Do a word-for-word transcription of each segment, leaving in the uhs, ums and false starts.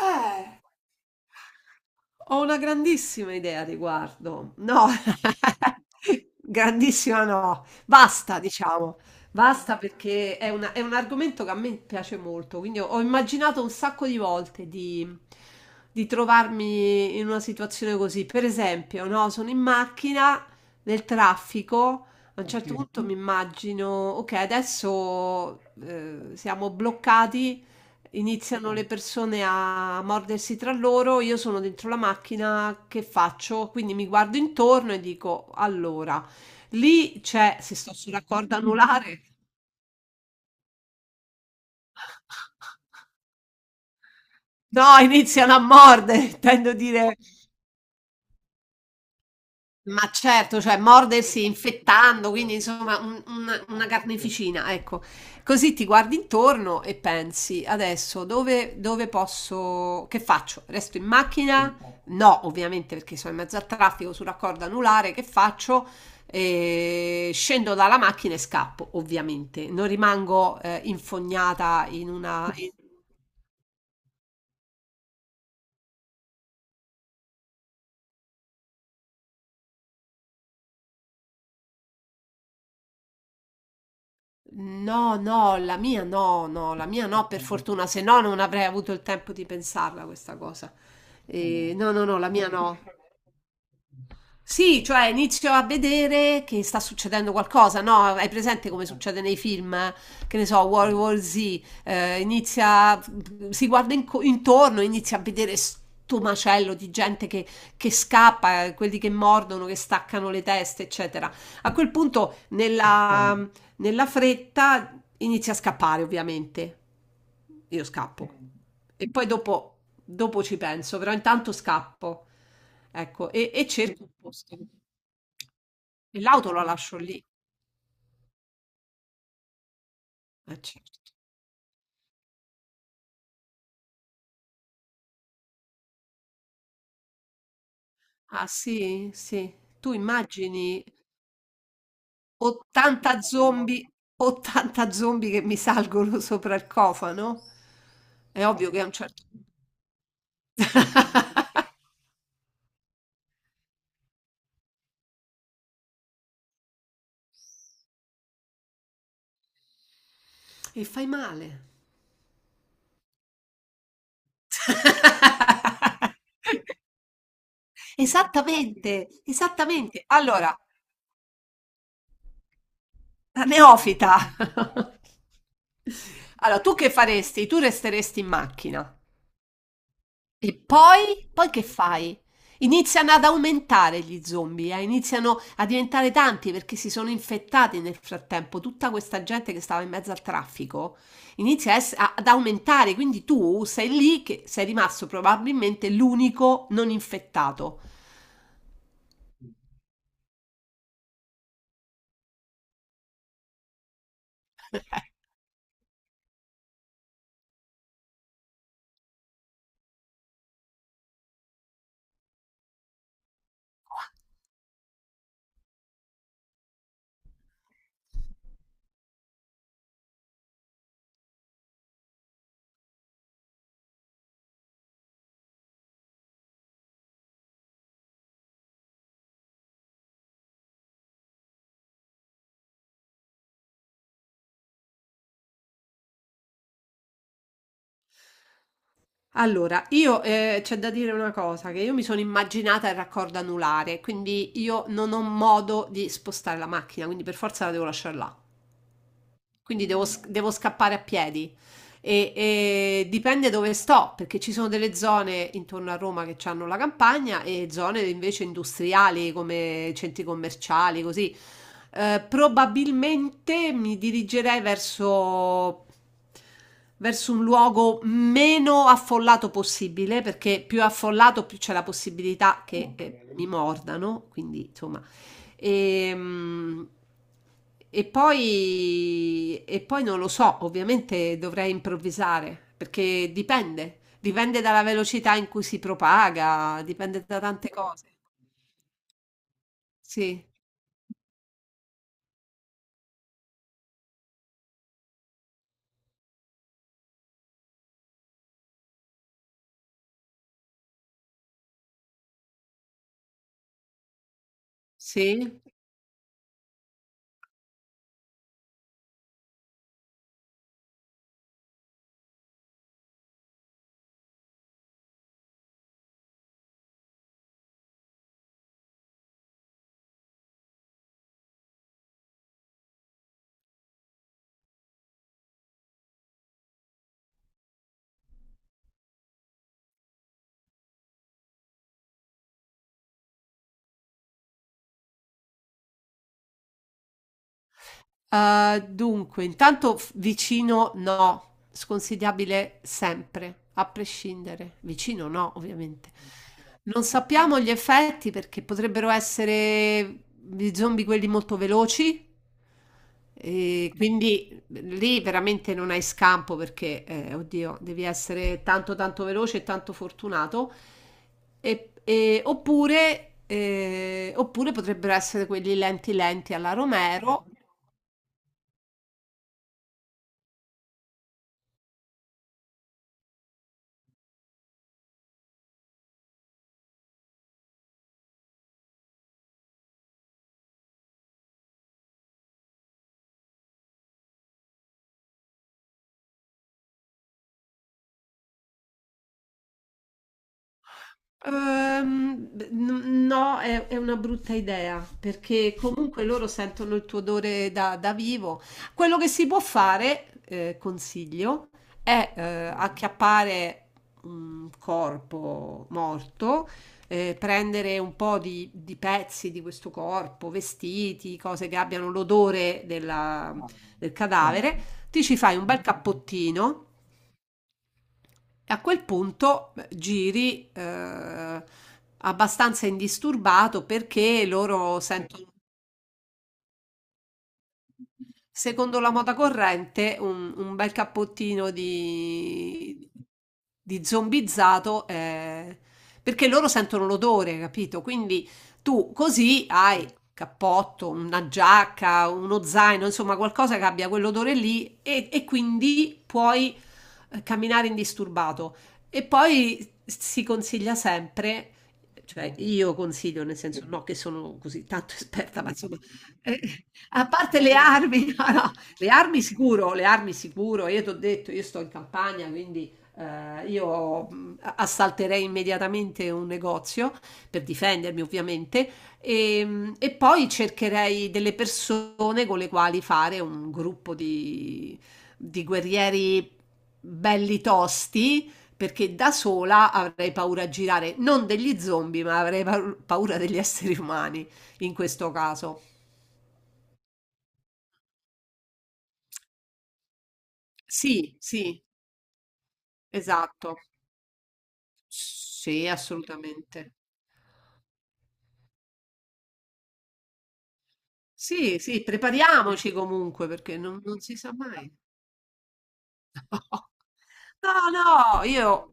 Eh. Ho una grandissima idea a riguardo. No, grandissima no. Basta, diciamo. Basta perché è una- è un argomento che a me piace molto. Quindi ho immaginato un sacco di volte di, di trovarmi in una situazione così. Per esempio, no, sono in macchina nel traffico. A un certo, Sì. punto mi immagino, ok, adesso eh, siamo bloccati. Iniziano le persone a mordersi tra loro, io sono dentro la macchina, che faccio? Quindi mi guardo intorno e dico, allora, lì c'è, se sto sulla corda anulare, no, iniziano a mordere, intendo dire, ma certo, cioè mordersi infettando, quindi insomma un- una, una carneficina, ecco. Così ti guardi intorno e pensi, adesso dove, dove posso, che faccio? Resto in macchina? No, ovviamente perché sono in mezzo al traffico sulla corda anulare, che faccio? Eh, scendo dalla macchina e scappo, ovviamente. Non rimango eh, infognata in una. No, no, la mia no, no, la mia no, per fortuna, se no non avrei avuto il tempo di pensarla questa cosa. Eh, no, no, no, la mia no. Sì, cioè inizio a vedere che sta succedendo qualcosa, no? Hai presente come succede nei film, eh? Che ne so, World War Z, eh, inizia, si guarda inco- intorno, inizia a vedere sto macello di gente che, che scappa, eh, quelli che mordono, che staccano le teste, eccetera. A quel punto, nella, nella fretta, inizia a scappare, ovviamente. Io scappo. E poi dopo, dopo ci penso, però intanto scappo, ecco, e, e cerco un posto. E l'auto la lascio lì. Eh, certo. Ah sì, sì. Tu immagini ottanta zombie, ottanta zombie che mi salgono sopra il cofano? È ovvio che a un certo punto. E fai male. Esattamente, esattamente. Allora, la neofita! Allora, tu che faresti? Tu resteresti in macchina. E poi? Poi che fai? Iniziano ad aumentare gli zombie, eh, iniziano a diventare tanti perché si sono infettati nel frattempo. Tutta questa gente che stava in mezzo al traffico inizia a ess- a- ad aumentare, quindi tu sei lì che sei rimasto probabilmente l'unico non infettato. Allora, io eh, c'è da dire una cosa, che io mi sono immaginata il raccordo anulare, quindi io non ho modo di spostare la macchina, quindi per forza la devo lasciare là. Quindi devo, sc- devo scappare a piedi. E, e dipende dove sto, perché ci sono delle zone intorno a Roma che hanno la campagna e zone invece industriali come centri commerciali, così. Eh, probabilmente mi dirigerei verso, verso un luogo meno affollato possibile, perché più affollato più c'è la possibilità che eh, mi mordano, quindi insomma. E, mm, e poi, e poi non lo so, ovviamente dovrei improvvisare, perché dipende, dipende dalla velocità in cui si propaga, dipende da tante cose. Sì, sì. Uhm, dunque, intanto f vicino no, sconsigliabile sempre, a prescindere. Vicino no, ovviamente. Non sappiamo gli effetti perché potrebbero essere gli zombie quelli molto veloci e quindi mm, lì veramente non hai scampo perché, eh, oddio, devi essere tanto tanto veloce e tanto fortunato. E e oppure ehm, oppure potrebbero essere quelli lenti lenti alla Romero. Ehm, b n no, è è una brutta idea, perché comunque loro sentono il tuo odore da da vivo. Quello che si può fare, ehm, consiglio, è, ehm, acchiappare un corpo morto, ehm, prendere un po' di di pezzi di questo corpo, vestiti, cose che abbiano l'odore della del cadavere, ti ci fai un bel cappottino e a quel punto eh, giri eh, abbastanza indisturbato perché loro sentono. Secondo la moda corrente, un, un bel cappottino di, di zombizzato, eh, perché loro sentono l'odore, capito? Quindi tu così hai cappotto, una giacca, uno zaino, insomma qualcosa che abbia quell'odore lì e, e quindi puoi eh, camminare indisturbato. E poi si consiglia sempre, cioè io consiglio, nel senso, no che sono così tanto esperta, ma insomma, eh, a parte le armi, no, no, le armi sicuro, le armi sicuro, io ti ho detto, io sto in campagna, quindi eh, io mh, assalterei immediatamente un negozio per difendermi, ovviamente, e, mh, e poi cercherei delle persone con le quali fare un gruppo di, di guerrieri belli tosti, perché da sola avrei paura a girare, non degli zombie, ma avrei paur- paura degli esseri umani in questo caso. Sì, sì, esatto. Sì, assolutamente. Sì, sì, prepariamoci comunque perché non non si sa mai. No, no, io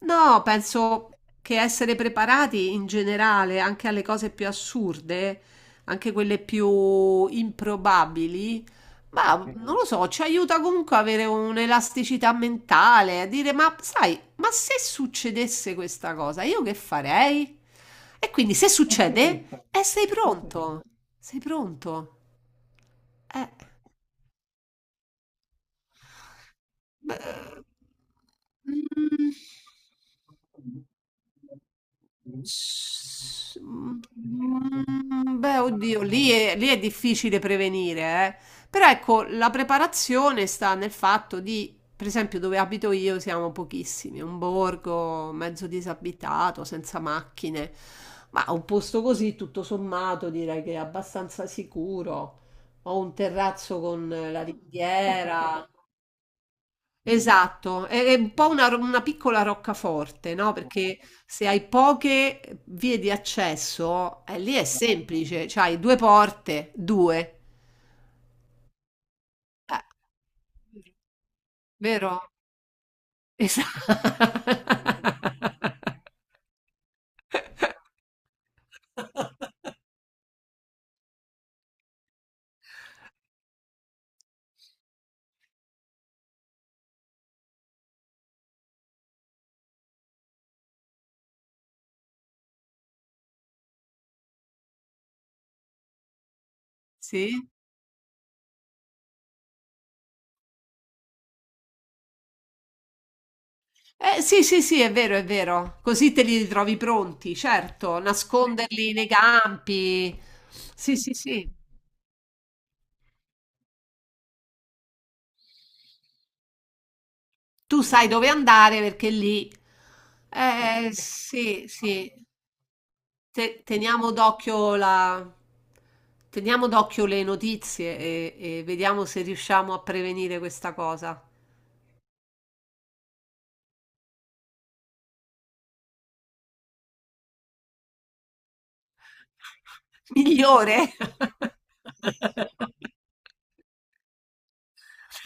no, penso che essere preparati in generale anche alle cose più assurde, anche quelle più improbabili, ma non lo so, ci aiuta comunque a avere un'elasticità mentale, a dire, ma sai, ma se succedesse questa cosa, io che farei? E quindi se succede, eh, sei pronto, sei pronto. Eh. Beh, mhmm. S mhmm, mhmm, beh, oddio, lì è lì è difficile prevenire, eh. Però ecco, la preparazione sta nel fatto di per esempio dove abito io siamo pochissimi, un borgo mezzo disabitato, senza macchine, ma un posto così tutto sommato direi che è abbastanza sicuro. Ho un terrazzo con la riviera. Esatto, è è un po' una, ro- una piccola roccaforte, no? Perché se hai poche vie di accesso, eh, lì è semplice, cioè hai due porte, due. Eh, vero? Esatto. Sì? Eh, sì, sì, sì, è vero, è vero. Così te li ritrovi pronti, certo, nasconderli nei campi. Sì, sì, sì. Tu sai dove andare perché lì, eh sì, sì, Te- teniamo d'occhio la, teniamo d'occhio le notizie e e vediamo se riusciamo a prevenire questa cosa. Migliore.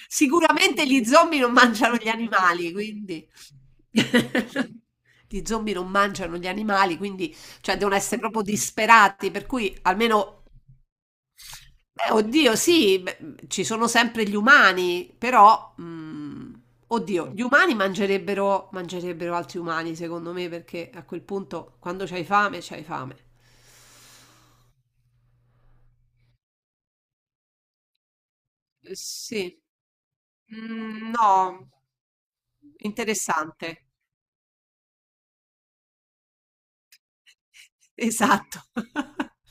Sicuramente gli zombie non mangiano gli animali, quindi gli zombie non mangiano gli animali, quindi cioè devono essere proprio disperati, per cui almeno. Beh, oddio, sì, beh, ci sono sempre gli umani, però, mm, oddio, gli umani mangerebbero, mangerebbero altri umani, secondo me, perché a quel punto, quando c'hai fame, c'hai fame. Uhm, sì. Mhmm, no. Interessante. Esatto.